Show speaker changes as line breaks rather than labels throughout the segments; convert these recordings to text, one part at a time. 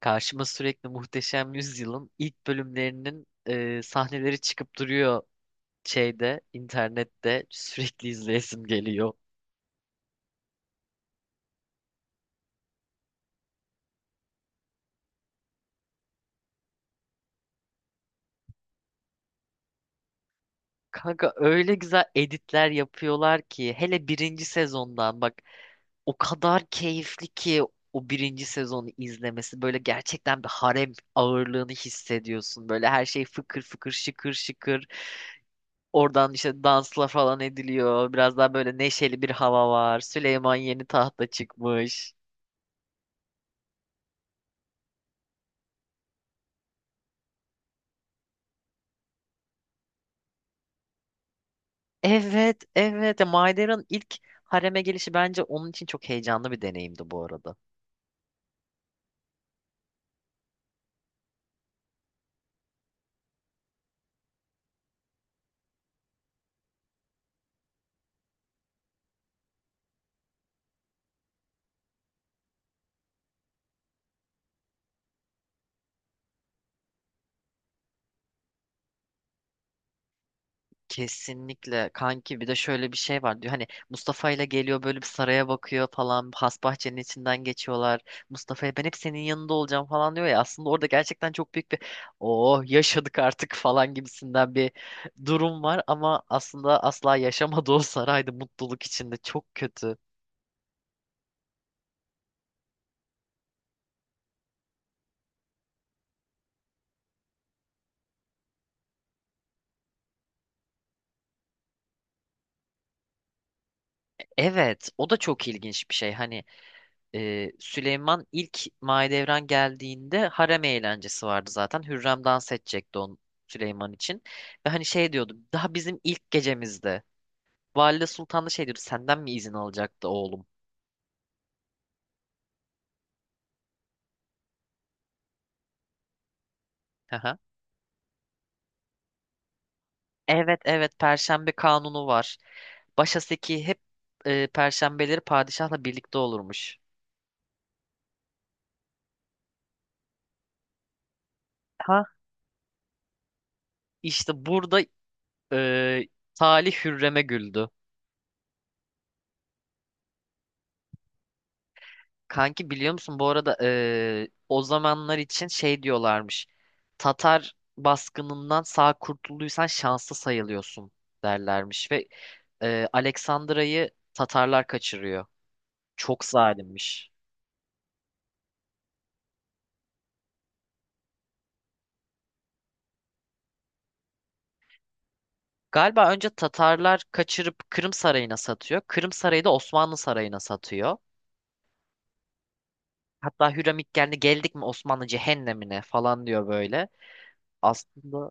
Karşıma sürekli Muhteşem Yüzyıl'ın ilk bölümlerinin sahneleri çıkıp duruyor şeyde, internette sürekli izleyesim geliyor. Kanka öyle güzel editler yapıyorlar ki hele birinci sezondan bak, o kadar keyifli ki o birinci sezonu izlemesi böyle, gerçekten bir harem ağırlığını hissediyorsun. Böyle her şey fıkır fıkır şıkır şıkır. Oradan işte dansla falan ediliyor. Biraz daha böyle neşeli bir hava var. Süleyman yeni tahta çıkmış. Evet, evet. Ya Maider'ın ilk hareme gelişi bence onun için çok heyecanlı bir deneyimdi bu arada. Kesinlikle kanki, bir de şöyle bir şey var diyor. Hani Mustafa ile geliyor, böyle bir saraya bakıyor falan. Hasbahçe'nin içinden geçiyorlar. Mustafa'ya ben hep senin yanında olacağım falan diyor ya. Aslında orada gerçekten çok büyük bir oh yaşadık artık falan gibisinden bir durum var. Ama aslında asla yaşamadı o saraydı mutluluk içinde. Çok kötü. Evet, o da çok ilginç bir şey. Hani Süleyman ilk Mahidevran geldiğinde harem eğlencesi vardı zaten. Hürrem dans edecekti on Süleyman için. Ve hani şey diyordu daha bizim ilk gecemizde. Valide Sultan da şey diyordu, senden mi izin alacaktı oğlum? Haha. Evet evet, Perşembe kanunu var. Başaseki hep Perşembeleri padişahla birlikte olurmuş. Ha, işte burada e, Talih Hürrem'e güldü. Kanki biliyor musun bu arada, o zamanlar için şey diyorlarmış. Tatar baskınından sağ kurtulduysan şanslı sayılıyorsun derlermiş ve Aleksandra'yı Tatarlar kaçırıyor. Çok zalimmiş. Galiba önce Tatarlar kaçırıp Kırım Sarayı'na satıyor. Kırım Sarayı da Osmanlı Sarayı'na satıyor. Hatta Hürrem ilk geldik mi Osmanlı cehennemine falan diyor böyle. Aslında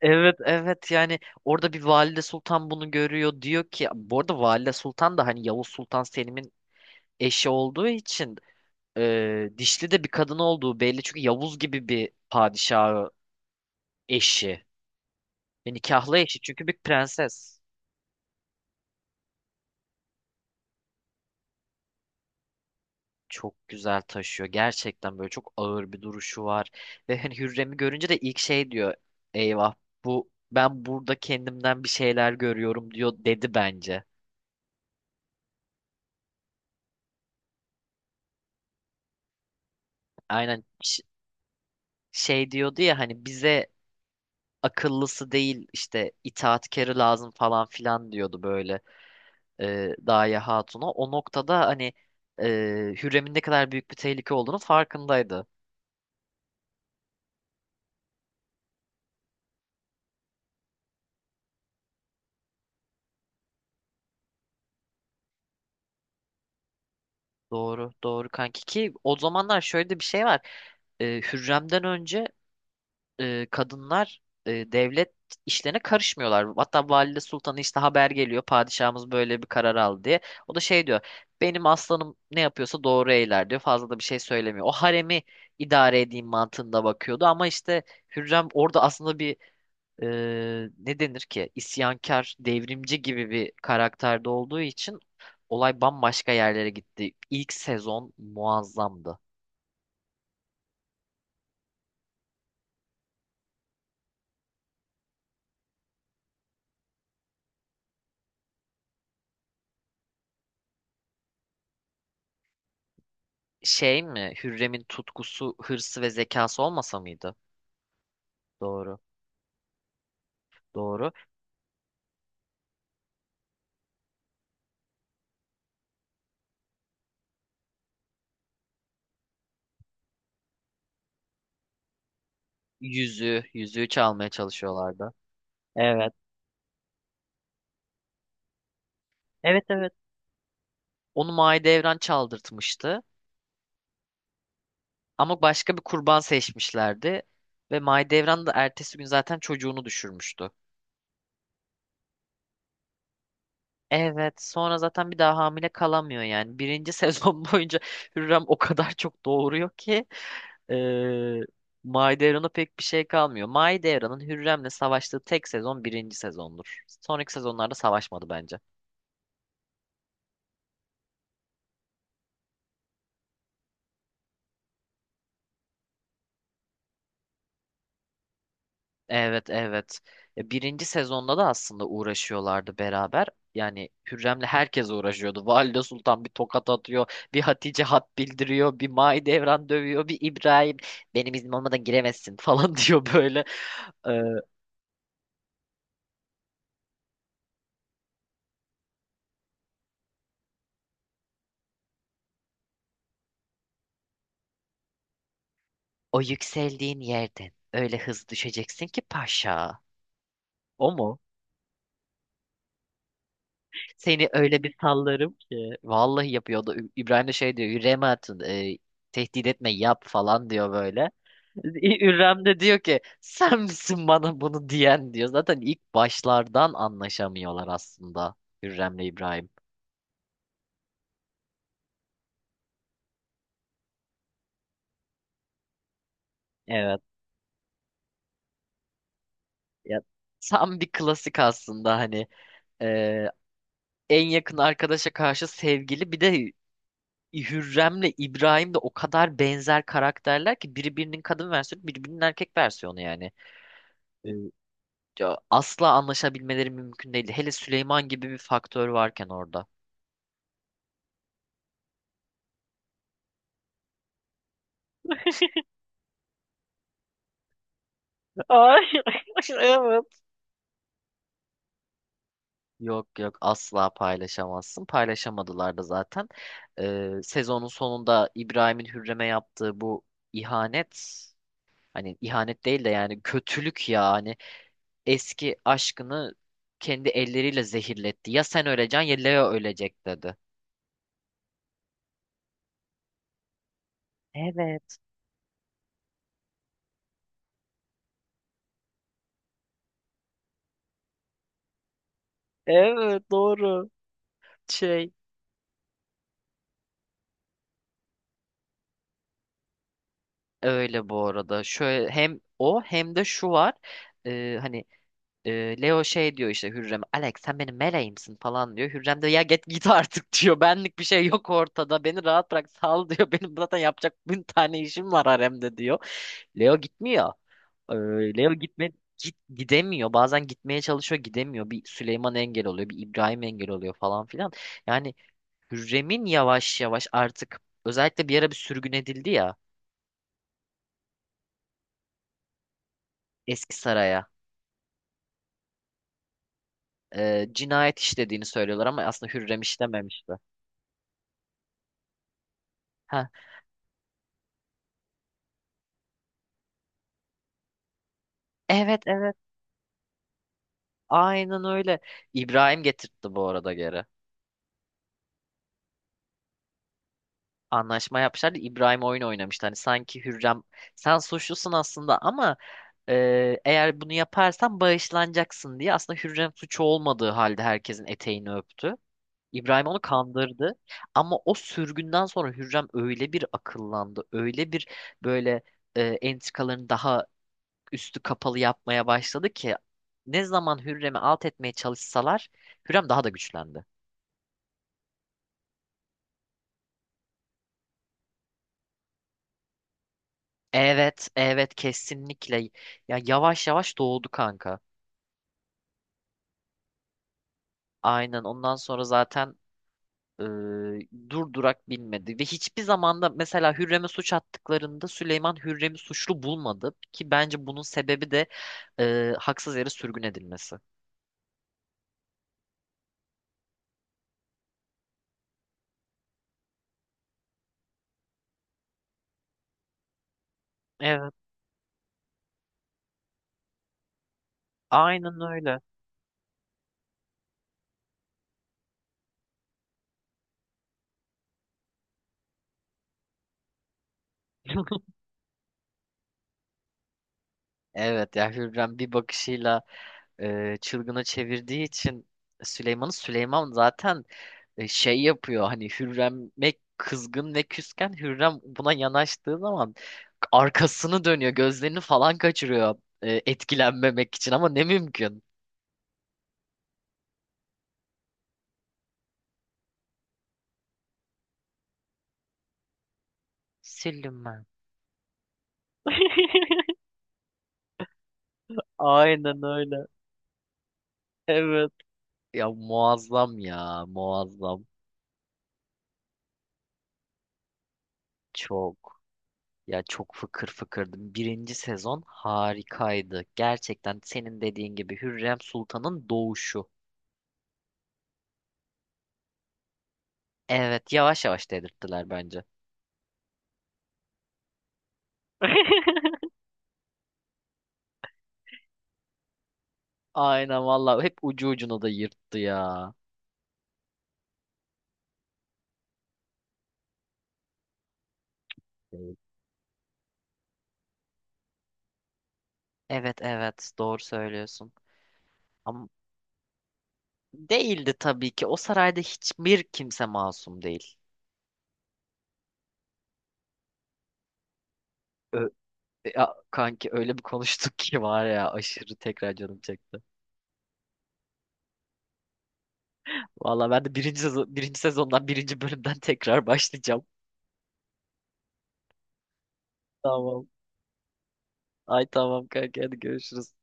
evet evet yani, orada bir Valide Sultan bunu görüyor, diyor ki bu arada Valide Sultan da hani Yavuz Sultan Selim'in eşi olduğu için dişli de bir kadın olduğu belli, çünkü Yavuz gibi bir padişahı eşi ve nikahlı eşi, çünkü bir prenses. Çok güzel taşıyor gerçekten, böyle çok ağır bir duruşu var ve hani Hürrem'i görünce de ilk şey diyor, eyvah, bu ben burada kendimden bir şeyler görüyorum diyor, dedi bence. Aynen şey diyordu ya hani bize akıllısı değil, işte itaatkarı lazım falan filan diyordu böyle, Gaye Hatun'a. O noktada hani e, Hürrem'in ne kadar büyük bir tehlike olduğunu farkındaydı. Doğru, doğru kanki, ki o zamanlar şöyle de bir şey var. E, Hürrem'den önce kadınlar devlet işlerine karışmıyorlar. Hatta valide sultanı işte haber geliyor, padişahımız böyle bir karar aldı diye. O da şey diyor, benim aslanım ne yapıyorsa doğru eyler diyor, fazla da bir şey söylemiyor. O haremi idare edeyim mantığında bakıyordu, ama işte Hürrem orada aslında bir e, ne denir ki, isyankar, devrimci gibi bir karakterde olduğu için olay bambaşka yerlere gitti. İlk sezon muazzamdı. Şey mi, Hürrem'in tutkusu, hırsı ve zekası olmasa mıydı? Doğru. Doğru. Yüzüğü, yüzüğü çalmaya çalışıyorlardı. Evet. Evet evet. Onu Mahidevran çaldırtmıştı. Ama başka bir kurban seçmişlerdi. Ve Mahidevran da ertesi gün zaten çocuğunu düşürmüştü. Evet. Sonra zaten bir daha hamile kalamıyor yani. Birinci sezon boyunca Hürrem o kadar çok doğuruyor ki eee Mahidevran'a pek bir şey kalmıyor. Mahidevran'ın Hürrem'le savaştığı tek sezon birinci sezondur. Sonraki sezonlarda savaşmadı bence. Evet evet. Birinci sezonda da aslında uğraşıyorlardı beraber. Yani Hürrem'le herkes uğraşıyordu. Valide Sultan bir tokat atıyor, bir Hatice hat bildiriyor, bir Mahidevran dövüyor, bir İbrahim benim iznim olmadan giremezsin falan diyor böyle. E, o yükseldiğin yerden öyle hızlı düşeceksin ki paşa. O mu? Seni öyle bir sallarım ki. Vallahi yapıyordu. İbrahim de şey diyor, Hürrem'e atın, tehdit etme, yap falan diyor böyle. Ürem de diyor ki, sen misin bana bunu diyen diyor. Zaten ilk başlardan anlaşamıyorlar aslında, Hürrem'le İbrahim. Evet. Ya, tam bir klasik aslında hani e, en yakın arkadaşa karşı sevgili, bir de Hürrem'le İbrahim de o kadar benzer karakterler ki, biri birinin kadın versiyonu, biri birinin erkek versiyonu yani. E, ya asla anlaşabilmeleri mümkün değil. Hele Süleyman gibi bir faktör varken orada. Ay, evet. Yok yok, asla paylaşamazsın. Paylaşamadılar da zaten. Sezonun sonunda İbrahim'in Hürrem'e yaptığı bu ihanet, hani ihanet değil de yani kötülük ya, hani eski aşkını kendi elleriyle zehirletti. Ya sen öleceksin ya Leo ölecek dedi. Evet. Evet doğru. Şey öyle bu arada. Şöyle hem o hem de şu var. Hani Leo şey diyor işte Hürrem'e, Alex sen benim meleğimsin falan diyor. Hürrem de, ya git git artık diyor. Benlik bir şey yok ortada. Beni rahat bırak, sal diyor. Benim zaten yapacak bin tane işim var haremde diyor. Leo gitmiyor. Ee, Leo gitme git gidemiyor. Bazen gitmeye çalışıyor, gidemiyor. Bir Süleyman engel oluyor, bir İbrahim engel oluyor falan filan. Yani Hürrem'in yavaş yavaş artık, özellikle bir ara bir sürgün edildi ya, eski saraya. Cinayet işlediğini söylüyorlar ama aslında Hürrem işlememişti. Ha, evet evet. Aynen öyle. İbrahim getirtti bu arada geri. Anlaşma yapmışlardı. İbrahim oyun oynamıştı. Hani sanki Hürrem sen suçlusun aslında ama eğer bunu yaparsan bağışlanacaksın diye, aslında Hürrem suçu olmadığı halde herkesin eteğini öptü. İbrahim onu kandırdı. Ama o sürgünden sonra Hürrem öyle bir akıllandı. Öyle bir böyle entrikalarını daha üstü kapalı yapmaya başladı ki, ne zaman Hürrem'i alt etmeye çalışsalar Hürrem daha da güçlendi. Evet, evet kesinlikle. Ya yavaş yavaş doğdu kanka. Aynen, ondan sonra zaten e, dur durak bilmedi. Ve hiçbir zamanda mesela Hürrem'e suç attıklarında Süleyman Hürrem'i suçlu bulmadı. Ki bence bunun sebebi de haksız yere sürgün edilmesi. Evet, aynen öyle. Evet ya, Hürrem bir bakışıyla çılgına çevirdiği için Süleyman'ı, Süleyman zaten şey yapıyor, hani Hürrem'e kızgın ve küsken, Hürrem buna yanaştığı zaman arkasını dönüyor, gözlerini falan kaçırıyor, etkilenmemek için, ama ne mümkün. Sildim ben. Aynen öyle. Evet. Ya muazzam, ya muazzam. Çok. Ya çok fıkır fıkırdım. Birinci sezon harikaydı. Gerçekten senin dediğin gibi, Hürrem Sultan'ın doğuşu. Evet yavaş yavaş dedirttiler bence. Aynen valla, hep ucu ucuna da yırttı ya. Evet. Evet evet, doğru söylüyorsun. Ama değildi tabii ki. O sarayda hiçbir kimse masum değil. Ö- ya kanki öyle bir konuştuk ki var ya, aşırı tekrar canım çekti. Valla ben de birinci sezondan birinci bölümden tekrar başlayacağım. Tamam. Ay tamam kanka, hadi görüşürüz.